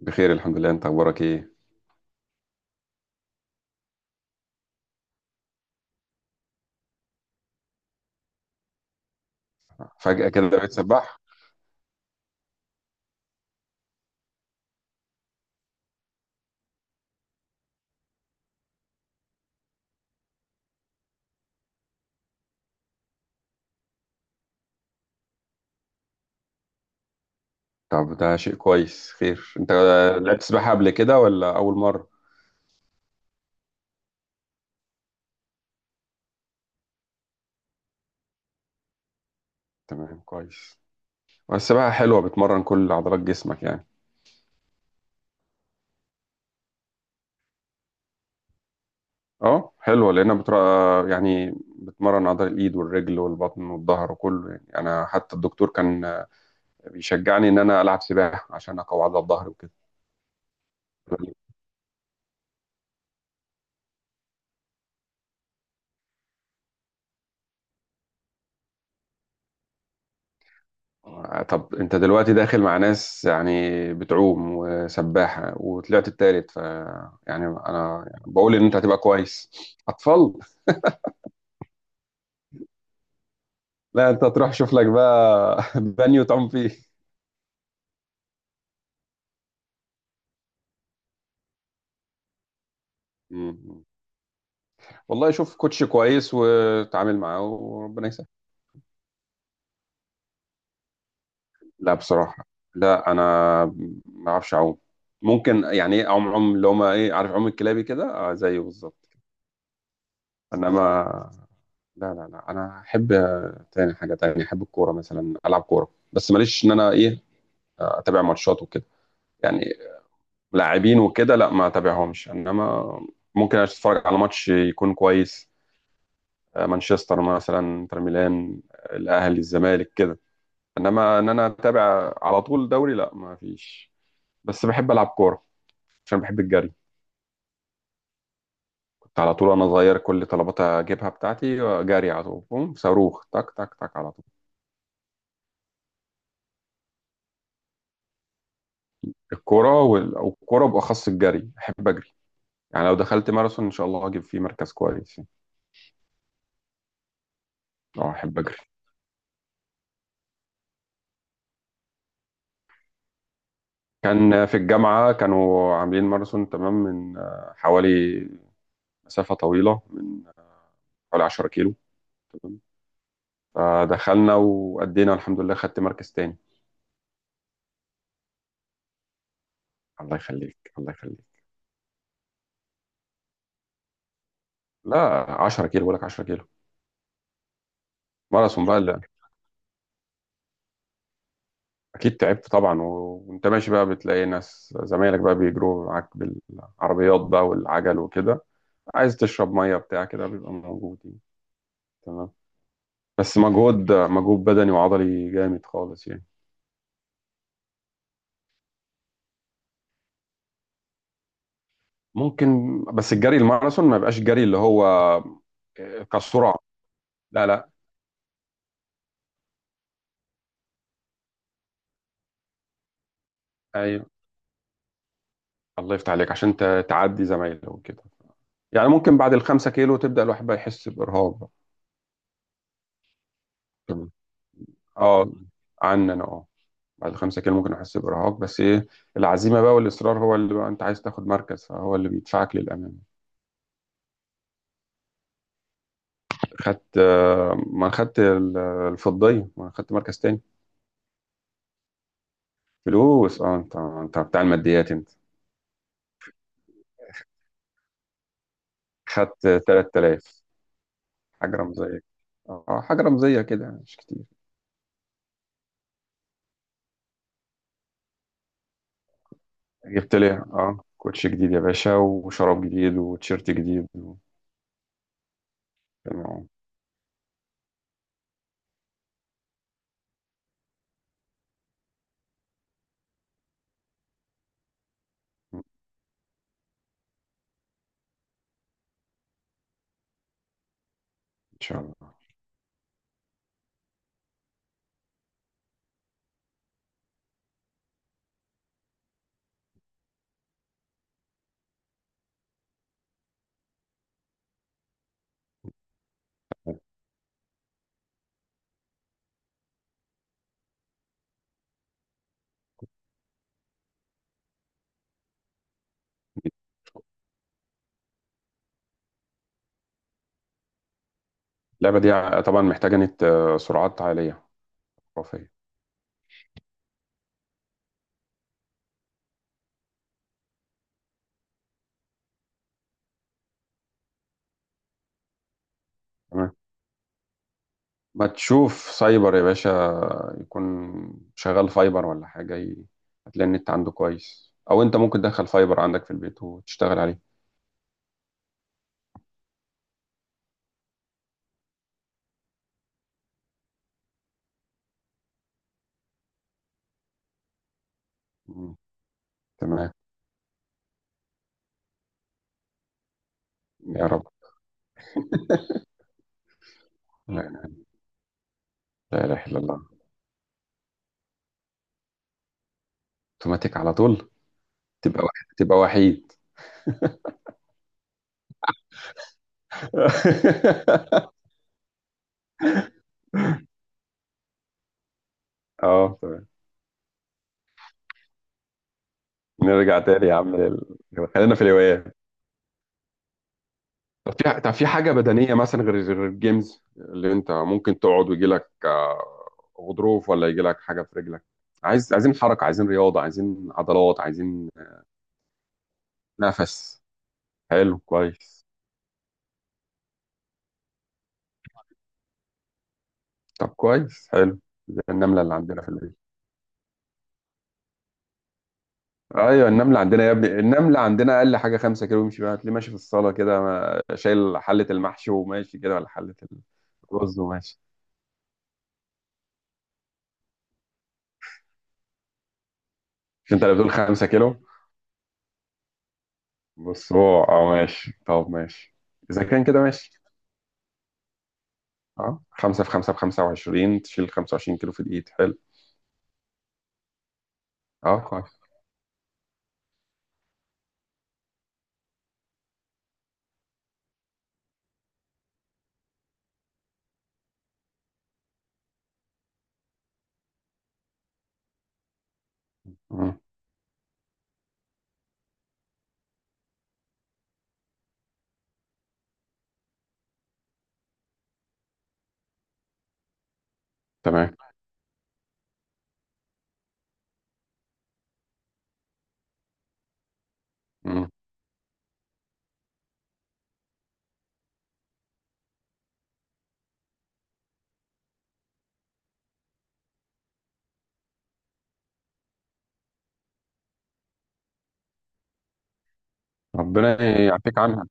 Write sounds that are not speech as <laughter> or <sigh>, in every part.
بخير الحمد لله. انت اخبارك ايه؟ فجأة كده بقيت سباح؟ طب ده شيء كويس. خير، انت لعبت سباحة قبل كده ولا اول مرة؟ تمام، كويس. والسباحة حلوة، بتمرن كل عضلات جسمك يعني. اه حلوة لانها يعني بتمرن عضلة الايد والرجل والبطن والظهر وكله. يعني انا حتى الدكتور كان بيشجعني ان انا العب سباحة عشان اقوي عضلة الظهر وكده. طب انت دلوقتي داخل مع ناس يعني بتعوم وسباحة وطلعت التالت، ف يعني انا بقول ان انت هتبقى كويس. اطفال؟ لا، انت هتروح شوف لك بقى <laughs> بانيو تعوم فيه. مم. والله شوف كوتش كويس وتعامل معاه وربنا يسهل. لا بصراحة، لا انا ما اعرفش اعوم. ممكن يعني ايه اعوم عوم اللي هما ايه، عارف، عوم الكلابي كده. اه زيه بالظبط. انما لا انا احب، تاني حاجه تانية احب الكوره مثلا، العب كوره بس ماليش ان انا ايه، اتابع ماتشات وكده يعني. لاعبين وكده لا ما اتابعهمش، انما ممكن اتفرج على ماتش يكون كويس، مانشستر مثلا، انتر ميلان، الاهلي الزمالك كده. انما ان انا اتابع على طول دوري، لا ما فيش. بس بحب العب كوره عشان بحب الجري. كنت على طول وانا صغير كل طلبات اجيبها بتاعتي، جري على طول، بوم، صاروخ، تك تك تك على طول. الكرة والكرة بأخص الجري، أحب أجري. يعني لو دخلت ماراثون إن شاء الله هجيب فيه مركز كويس يعني. أه أحب أجري. كان في الجامعة كانوا عاملين ماراثون تمام، من حوالي، مسافة طويلة، من حوالي 10 كيلو. تمام، فدخلنا وأدينا الحمد لله، خدت مركز تاني. الله يخليك، الله يخليك. لا 10 كيلو بقول لك، 10 كيلو ماراثون بقى اللي. أكيد تعبت طبعا، وأنت ماشي بقى بتلاقي ناس زمايلك بقى بيجروا معاك بالعربيات بقى والعجل وكده، عايز تشرب ميه بتاع كده بيبقى موجود يعني. تمام. بس مجهود، مجهود بدني وعضلي جامد خالص يعني. ممكن، بس الجري الماراثون ما يبقاش جري اللي هو كسرعه. لا لا. ايوه. الله يفتح عليك عشان تعدي زمايله وكده. يعني ممكن بعد الخمسة كيلو تبدأ الواحد بقى يحس بإرهاق بقى. تمام. اه، عني انا اه، بعد الخمسة كيلو ممكن احس بإرهاق. بس ايه، العزيمة بقى والإصرار هو اللي بقى انت عايز تاخد مركز فهو اللي بيدفعك للأمام. خدت، ما خدت الفضية، ما خدت مركز تاني. فلوس، اه، انت انت بتاع الماديات انت. خدت 3000. حاجة رمزية، اه حاجة رمزية كده مش كتير. جبت لي اه كوتش جديد يا باشا وشراب جديد وتيشيرت جديد و... تمام. ان شاء الله. اللعبة دي طبعا محتاجة نت، سرعات عالية خرافية. ما تشوف سايبر يا باشا، يكون شغال فايبر ولا حاجة هتلاقي النت عنده كويس، أو أنت ممكن تدخل فايبر عندك في البيت وتشتغل عليه. مم. تمام. يا رب. <laughs> لا إله، لا إله إلا الله. أوتوماتيك على طول، تبقى وحيد، تبقى وحيد. <laughs> أه تمام. نرجع تاني يا عم لل... خلينا في الهوايات. طب في، طب في حاجة بدنية مثلا غير غير الجيمز اللي انت ممكن تقعد ويجي لك غضروف ولا يجي لك حاجة في رجلك؟ عايز، عايزين حركة، عايزين رياضة، عايزين عضلات، عايزين نفس. حلو، كويس. طب كويس حلو. زي النملة اللي عندنا في البيت. ايوه النملة عندنا يا ابني، النملة عندنا اقل حاجة خمسة كيلو يمشي بيها، تلاقيه ماشي في الصالة كده شايل حلة المحشي وماشي كده، ولا حلة الرز وماشي. مش انت اللي بتقول خمسة كيلو؟ بص هو اه ماشي، طب ماشي. اذا كان كده ماشي. اه خمسة في خمسة ب 25، تشيل 25 كيلو في الإيد، حلو. اه كويس. مم. تمام. مم. ربنا يعافيك عنها.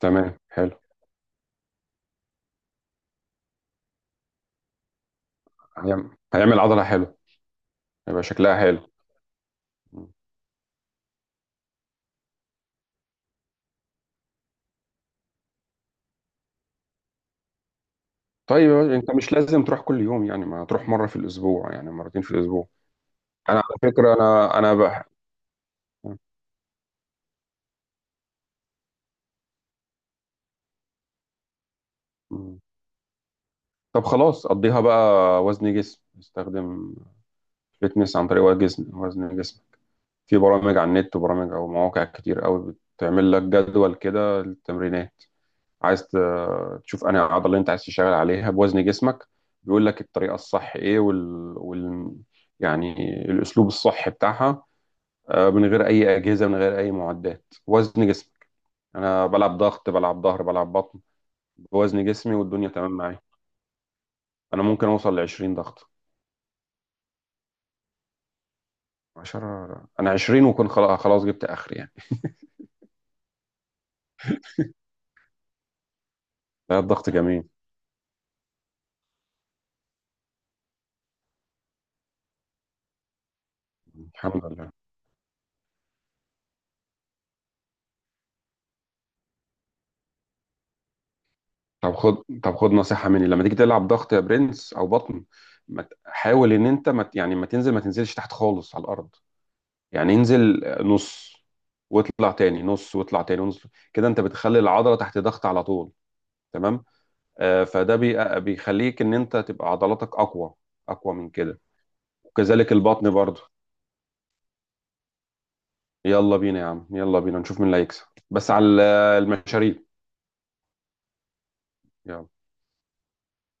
تمام، حلو. هيعمل، هيعمل عضلة، حلو. هيبقى شكلها حلو. مم. طيب يا باشا، انت مش لازم تروح كل يوم يعني، ما تروح مرة في الأسبوع، يعني مرتين في الأسبوع. أنا على فكرة أنا أنا. مم. طب خلاص قضيها بقى وزن جسم، استخدم فتنس عن طريق وزن، وزن جسم. في برامج على النت وبرامج أو مواقع كتير قوي بتعمل لك جدول كده للتمرينات. عايز تشوف انهي عضله اللي انت عايز تشتغل عليها بوزن جسمك. بيقول لك الطريقه الصح ايه، وال... وال... يعني الاسلوب الصح بتاعها، من غير اي اجهزه، من غير اي معدات، وزن جسمك. انا بلعب ضغط، بلعب ظهر، بلعب بطن بوزن جسمي والدنيا تمام معايا. انا ممكن اوصل ل 20 ضغط. 10 انا 20 وكنت خلاص خلاص جبت اخر يعني. لا، الضغط جميل. الحمد لله. طب خد، طب خد نصيحة مني لما تيجي تلعب ضغط يا برنس او بطن، ما ت- حاول ان انت ما ت- يعني ما تنزل، ما تنزلش تحت خالص على الارض. يعني انزل نص واطلع تاني، نص واطلع تاني، نص. كده انت بتخلي العضلة تحت ضغط على طول. تمام. آه فده بيخليك ان انت تبقى عضلاتك اقوى، اقوى من كده. وكذلك البطن برضه. يلا بينا يا عم، يلا بينا نشوف مين اللي هيكسب. بس على المشاريب.